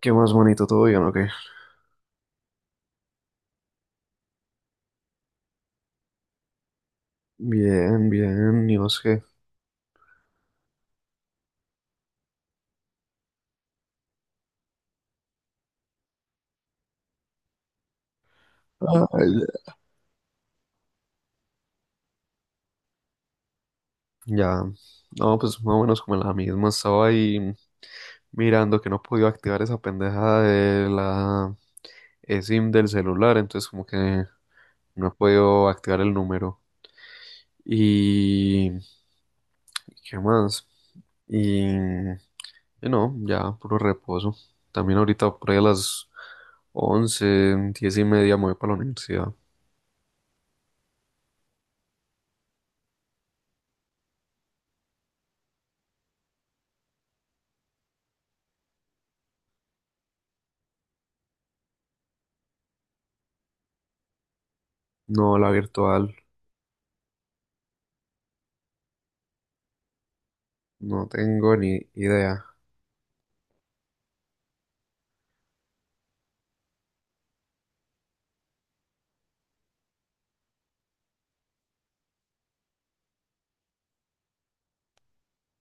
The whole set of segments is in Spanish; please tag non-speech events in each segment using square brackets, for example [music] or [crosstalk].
¿Qué más bonito? ¿Todo bien o qué? Bien, bien, ¿y vos qué? Ay, ya. No, pues más o menos como en la misma. Estaba ahí mirando que no podía activar esa pendeja de la SIM del celular, entonces como que no he podido activar el número. Y... ¿Qué más? Y... y no, ya, puro reposo. También ahorita por ahí a las 11, 10:30 me voy para la universidad. No, la virtual. No tengo ni idea.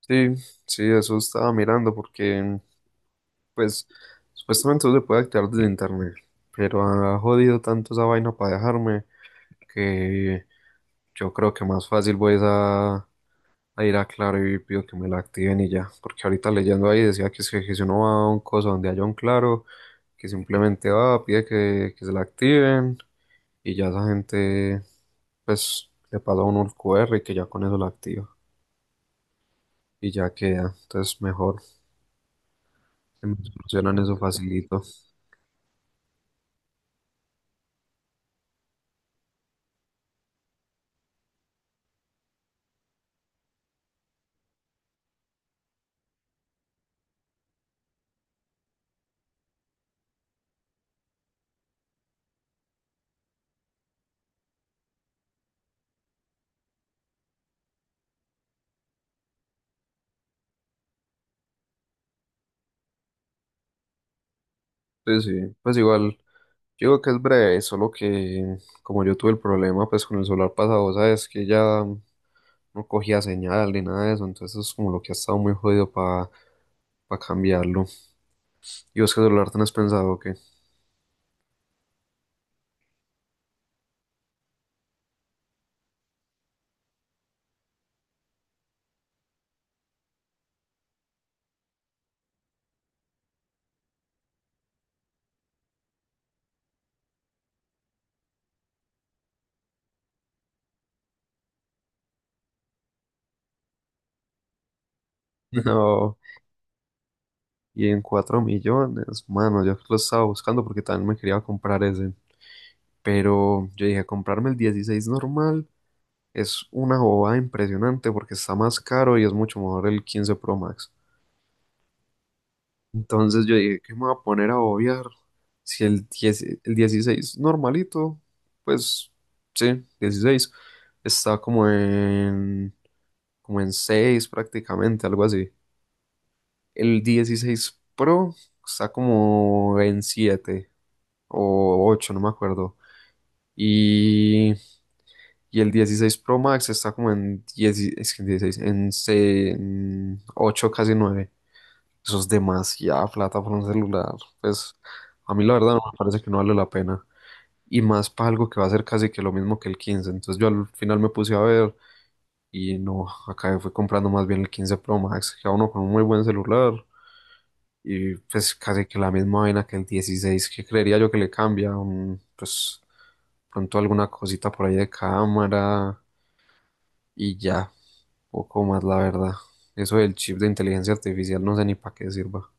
Sí, sí, eso estaba mirando porque, pues, supuestamente no se puede activar desde internet, pero ha jodido tanto esa vaina para dejarme que yo creo que más fácil voy es a ir a Claro y pido que me la activen y ya, porque ahorita leyendo ahí decía que, es que si uno va a un coso donde haya un Claro, que simplemente va, pide que se la activen y ya esa gente, pues, le pasa a uno el QR y que ya con eso la activa y ya queda, entonces mejor, se me solucionan eso facilito. Sí, sí, pues igual, yo digo que es breve, solo que como yo tuve el problema pues con el solar pasado, sabes que ya no cogía señal ni nada de eso, entonces es como lo que ha estado muy jodido para cambiarlo. ¿Y vos qué celular tenés pensado que? [laughs] No, y en 4 millones, mano, yo lo estaba buscando porque también me quería comprar ese, pero yo dije, comprarme el 16 normal es una bobada impresionante porque está más caro y es mucho mejor el 15 Pro Max. Entonces yo dije, ¿qué me voy a poner a obviar? Si el 10, el 16 normalito, pues sí, 16, está como en, 6 prácticamente, algo así. El 16 Pro está como en 7 o 8, no me acuerdo. Y, y el 16 Pro Max está como en 10, es que en 16, en, en 8, casi 9. Eso es demasiada plata por un celular. Pues a mí la verdad no me parece, que no vale la pena. Y más para algo que va a ser casi que lo mismo que el 15. Entonces yo al final me puse a ver y no, acabé fui comprando más bien el 15 Pro Max, que a uno con un muy buen celular. Y pues casi que la misma vaina que el 16, que creería yo que le cambia. Pues pronto alguna cosita por ahí de cámara y ya, poco más la verdad. Eso del chip de inteligencia artificial no sé ni para qué sirva.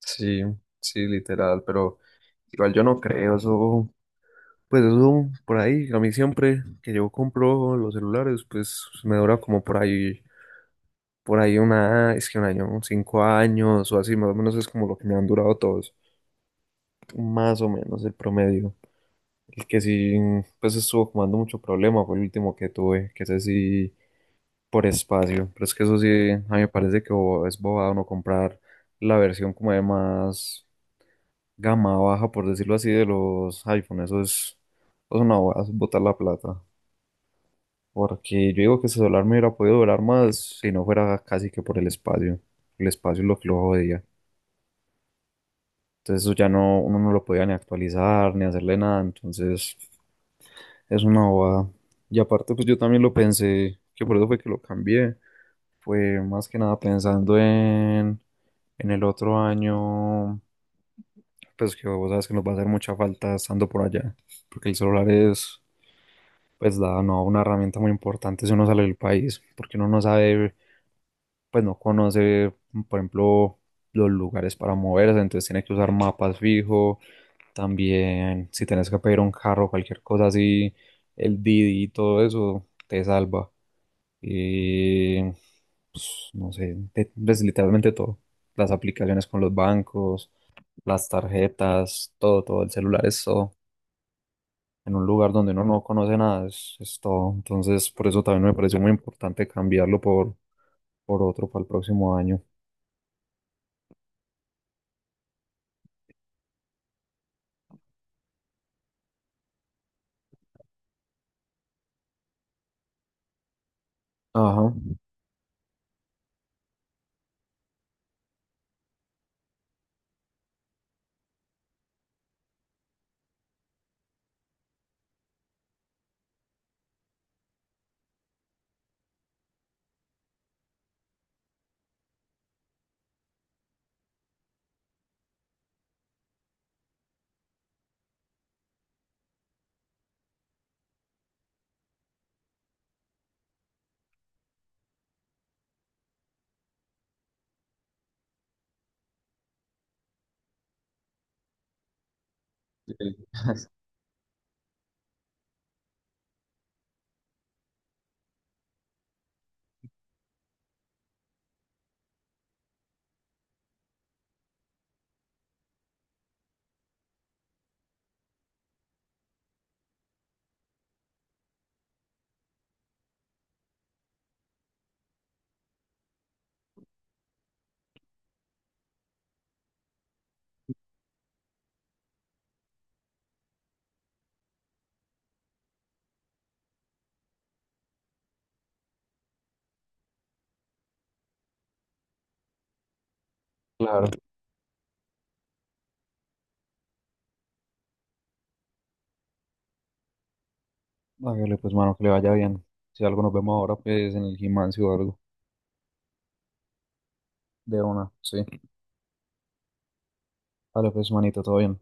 Sí, sí, literal, pero igual yo no creo eso, pues eso por ahí, a mí siempre que yo compro los celulares, pues me dura como por ahí una, es que un año, 5 años o así, más o menos es como lo que me han durado todos, más o menos el promedio. El que sí, pues estuvo como dando mucho problema fue el último que tuve, que ese sí, por espacio, pero es que eso sí, a mí me parece que es bobado no comprar la versión como de más gama baja, por decirlo así, de los iPhone. Eso es una bobada, eso es botar la plata. Porque yo digo que ese celular me hubiera podido durar más si no fuera casi que por el espacio. El espacio es lo que lo jodía. Entonces eso ya no, uno no lo podía ni actualizar, ni hacerle nada. Entonces es una bobada. Y aparte, pues yo también lo pensé, que por eso fue que lo cambié. Fue más que nada pensando en el otro año, pues que vos sabes que nos va a hacer mucha falta estando por allá. Porque el celular es, pues da no, una herramienta muy importante si uno sale del país, porque uno no sabe, pues no conoce, por ejemplo, los lugares para moverse, entonces tiene que usar mapas fijo, también si tienes que pedir un carro, cualquier cosa así, el Didi y todo eso te salva. Y pues, no sé, pues, literalmente todo. Las aplicaciones con los bancos, las tarjetas, todo, todo, el celular es todo en un lugar donde uno no conoce nada, es todo. Entonces, por eso también me pareció muy importante cambiarlo por otro para el próximo año. Ajá, sí, claro. Hágale pues, mano, que le vaya bien. Si algo nos vemos ahora, pues en el gimnasio o algo. De una, sí. Dale pues, manito, todo bien.